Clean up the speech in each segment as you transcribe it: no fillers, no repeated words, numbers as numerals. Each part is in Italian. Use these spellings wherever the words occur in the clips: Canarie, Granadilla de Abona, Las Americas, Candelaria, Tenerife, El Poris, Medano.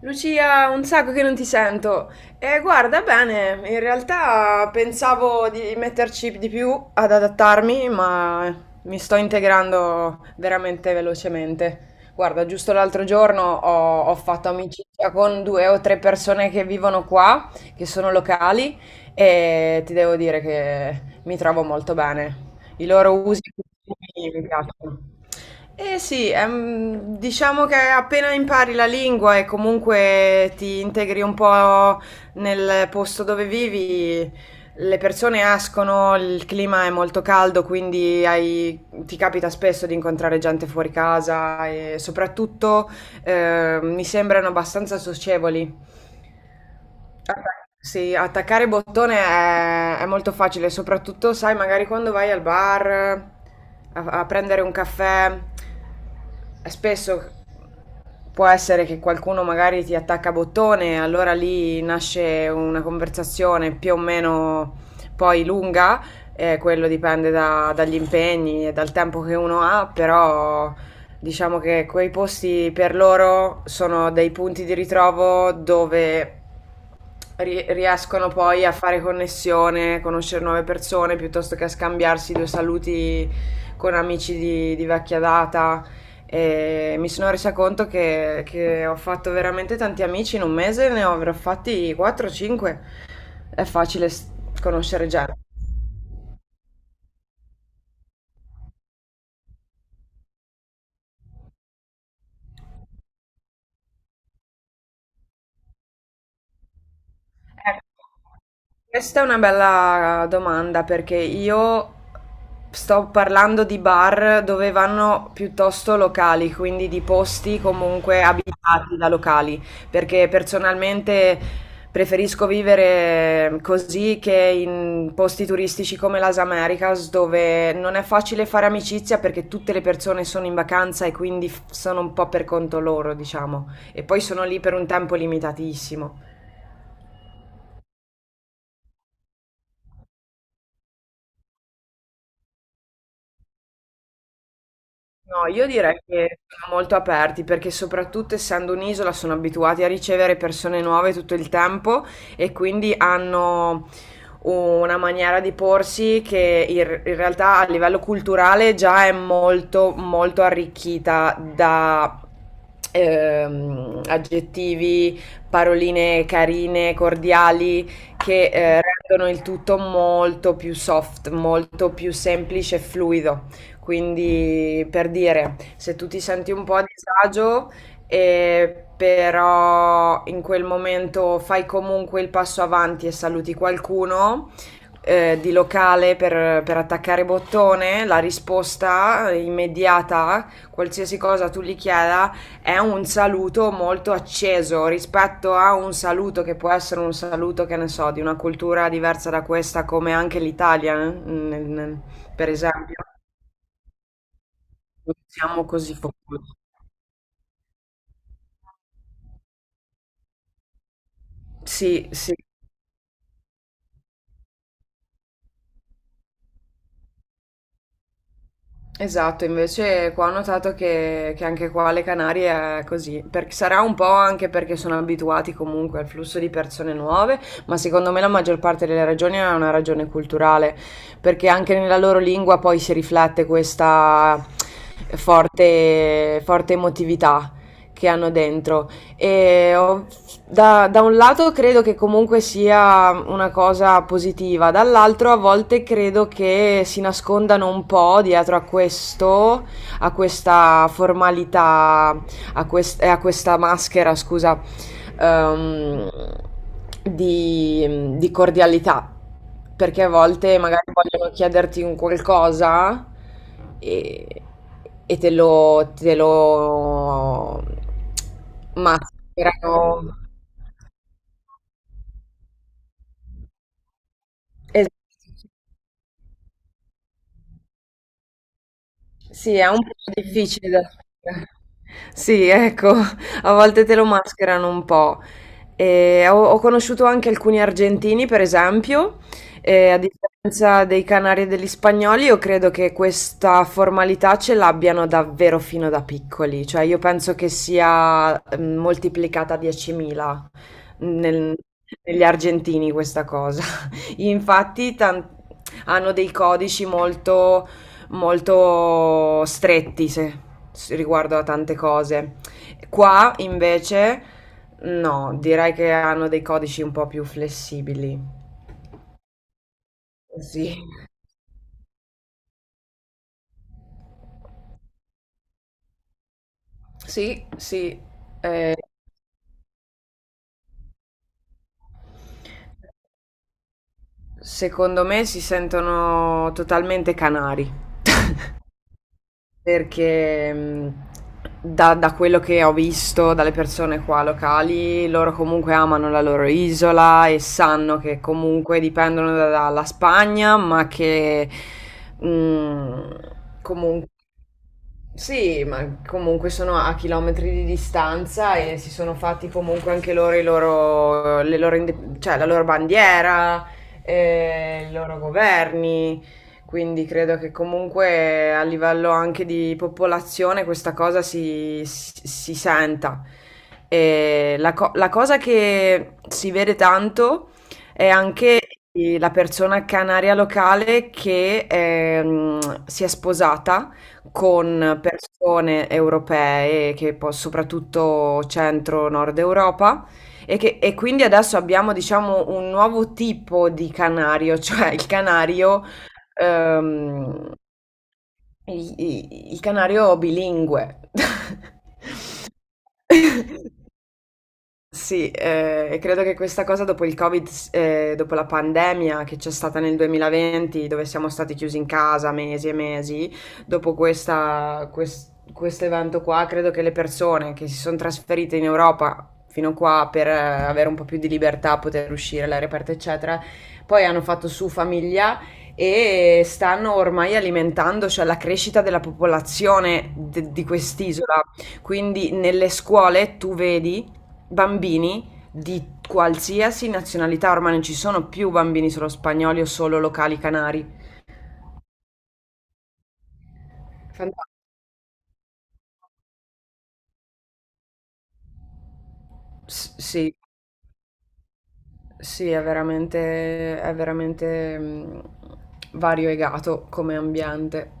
Lucia, un sacco che non ti sento. E guarda bene, in realtà pensavo di metterci di più ad adattarmi, ma mi sto integrando veramente velocemente. Guarda, giusto l'altro giorno ho fatto amicizia con 2 o 3 persone che vivono qua, che sono locali, e ti devo dire che mi trovo molto bene. I loro usi e costumi mi piacciono. Eh sì, diciamo che appena impari la lingua e comunque ti integri un po' nel posto dove vivi, le persone escono, il clima è molto caldo, quindi ti capita spesso di incontrare gente fuori casa e soprattutto mi sembrano abbastanza socievoli. Sì, attaccare bottone è molto facile, soprattutto, sai, magari quando vai al bar a prendere un caffè, spesso può essere che qualcuno magari ti attacca bottone, allora lì nasce una conversazione più o meno poi lunga, quello dipende dagli impegni e dal tempo che uno ha, però diciamo che quei posti per loro sono dei punti di ritrovo dove riescono poi a fare connessione, conoscere nuove persone, piuttosto che a scambiarsi due saluti con amici di vecchia data. E mi sono resa conto che ho fatto veramente tanti amici in 1 mese, ne avrò fatti 4-5. È facile s- Conoscere gente. Ecco, questa è una bella domanda perché io sto parlando di bar dove vanno piuttosto locali, quindi di posti comunque abitati da locali, perché personalmente preferisco vivere così che in posti turistici come Las Americas dove non è facile fare amicizia perché tutte le persone sono in vacanza e quindi sono un po' per conto loro, diciamo, e poi sono lì per un tempo limitatissimo. No, io direi che sono molto aperti perché soprattutto essendo un'isola sono abituati a ricevere persone nuove tutto il tempo e quindi hanno una maniera di porsi in realtà a livello culturale già è molto molto arricchita da aggettivi, paroline carine, cordiali, che rendono il tutto molto più soft, molto più semplice e fluido. Quindi, per dire, se tu ti senti un po' a disagio, però in quel momento fai comunque il passo avanti e saluti qualcuno. Eh, di locale per attaccare bottone, la risposta immediata, qualsiasi cosa tu gli chieda, è un saluto molto acceso rispetto a un saluto che può essere un saluto, che ne so, di una cultura diversa da questa, come anche l'Italia, per esempio. Non siamo così focosi. Sì, sì, esatto, invece qua ho notato che anche qua alle Canarie è così, perché sarà un po' anche perché sono abituati comunque al flusso di persone nuove, ma secondo me la maggior parte delle ragioni è una ragione culturale, perché anche nella loro lingua poi si riflette questa forte, forte emotività che hanno dentro. E ho Da un lato credo che comunque sia una cosa positiva, dall'altro a volte credo che si nascondano un po' dietro a questo, a questa formalità, a questa maschera, scusa, ehm, di cordialità, perché a volte magari vogliono chiederti un qualcosa e, te lo mascherano. Es Sì, è un po' difficile da fare. Sì, ecco, a volte te lo mascherano un po'. E ho conosciuto anche alcuni argentini, per esempio, e a differenza dei canari e degli spagnoli, io credo che questa formalità ce l'abbiano davvero fino da piccoli, cioè io penso che sia moltiplicata a 10.000 nel- negli argentini questa cosa. Infatti, hanno dei codici molto molto stretti se riguardo a tante cose. Qua invece no, direi che hanno dei codici un po' più flessibili. Sì, sì, sì. Eh, secondo me si sentono totalmente canari. Perché, da quello che ho visto, dalle persone qua locali, loro comunque amano la loro isola e sanno che comunque dipendono da dalla Spagna, ma che, mhmm, comun sì, ma comunque sono a chilometri di distanza e si sono fatti comunque anche loro, le loro cioè la loro bandiera, i loro governi, quindi credo che comunque a livello anche di popolazione questa cosa si senta. La cosa che si vede tanto è anche la persona canaria locale che si è sposata con persone europee, che poi soprattutto centro-nord Europa, e quindi adesso abbiamo, diciamo, un nuovo tipo di canario, cioè il canario, ehm, il canario bilingue. Sì, e credo che questa cosa dopo il Covid, dopo la pandemia che c'è stata nel 2020, dove siamo stati chiusi in casa mesi e mesi, dopo questo evento qua, credo che le persone che si sono trasferite in Europa fino qua per avere un po' più di libertà, poter uscire all'aria aperta, eccetera, poi hanno fatto su famiglia e stanno ormai alimentando, cioè, la crescita della popolazione di quest'isola. Quindi nelle scuole tu vedi bambini di qualsiasi nazionalità, ormai non ci sono più bambini solo spagnoli o solo locali canari. Fantastico. Sì, sì, è veramente variegato come ambiente.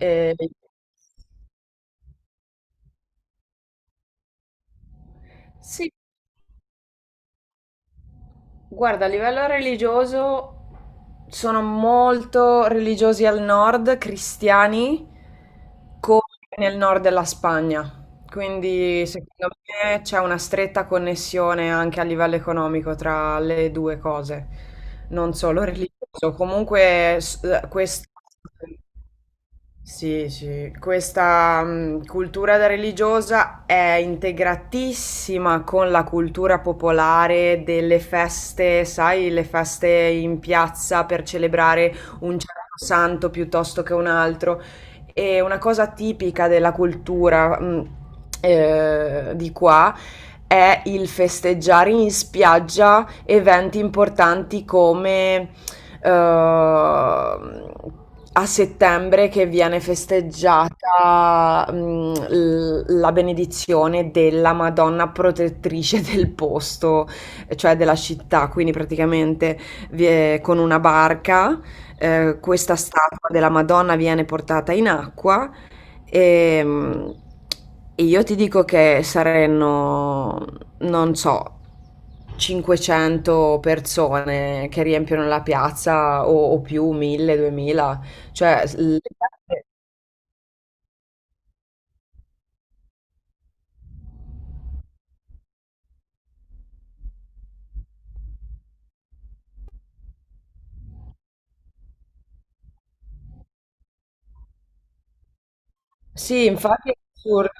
E- Sì, guarda, a livello religioso sono molto religiosi al nord, cristiani, come nel nord della Spagna. Quindi secondo me c'è una stretta connessione anche a livello economico tra le due cose, non solo religioso. Comunque s- questo sì, sì, questa cultura da religiosa è integratissima con la cultura popolare delle feste, sai, le feste in piazza per celebrare un certo santo piuttosto che un altro. E una cosa tipica della cultura di qua è il festeggiare in spiaggia eventi importanti come ehm, a settembre che viene festeggiata la benedizione della Madonna protettrice del posto, cioè della città, quindi praticamente con una barca questa statua della Madonna viene portata in acqua. Ehm, E io ti dico che saranno, non so, 500 persone che riempiono la piazza o più, 1000, 2000. Cioè, le piazze- sì, infatti è assurdo.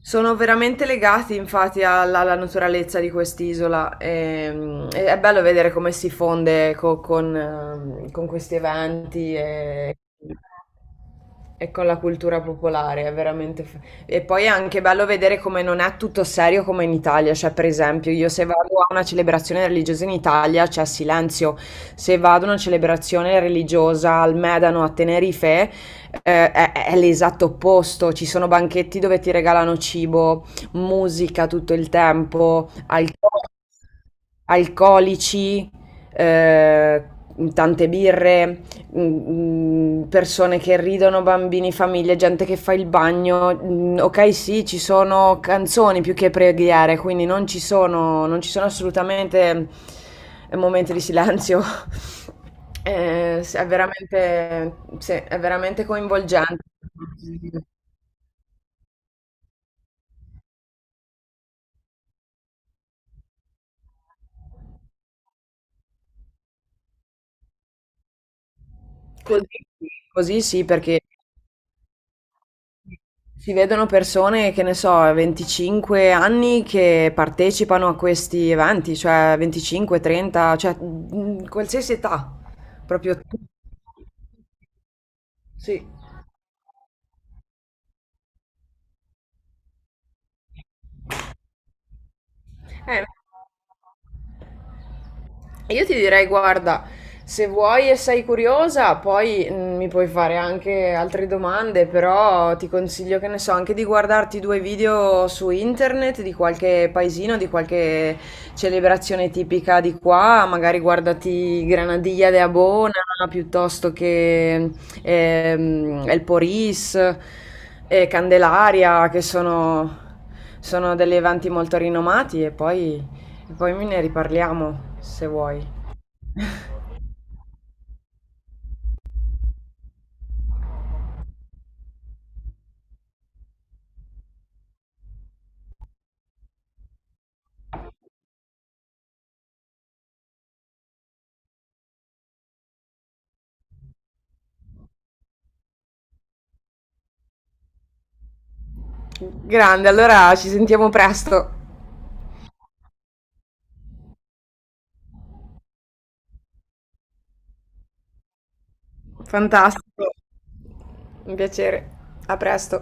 Sono veramente legati infatti alla naturalezza di quest'isola e è bello vedere come si fonde con questi eventi e con la cultura popolare, e poi è anche bello vedere come non è tutto serio come in Italia, cioè per esempio io se vado a una celebrazione religiosa in Italia c'è silenzio, se vado a una celebrazione religiosa al Medano a Tenerife è l'esatto opposto. Ci sono banchetti dove ti regalano cibo, musica tutto il tempo, alcolici, eh, tante birre, persone che ridono, bambini, famiglie, gente che fa il bagno. Ok, sì, ci sono canzoni più che preghiere, quindi non ci sono assolutamente momenti di silenzio. Sì, sì, è veramente coinvolgente. Così, sì, Così sì, perché si vedono persone, che ne so, 25 anni che partecipano a questi eventi, cioè 25, 30, cioè qualsiasi età, proprio tu. Sì. Eh. Io ti direi, guarda, se vuoi e sei curiosa, poi mi puoi fare anche altre domande, però ti consiglio, che ne so, anche di guardarti due video su internet di qualche paesino, di qualche celebrazione tipica di qua, magari guardati Granadilla de Abona piuttosto che El Poris, Candelaria, sono degli eventi molto rinomati e poi ne riparliamo se vuoi. Grande, allora ci sentiamo presto. Fantastico, un piacere. A presto.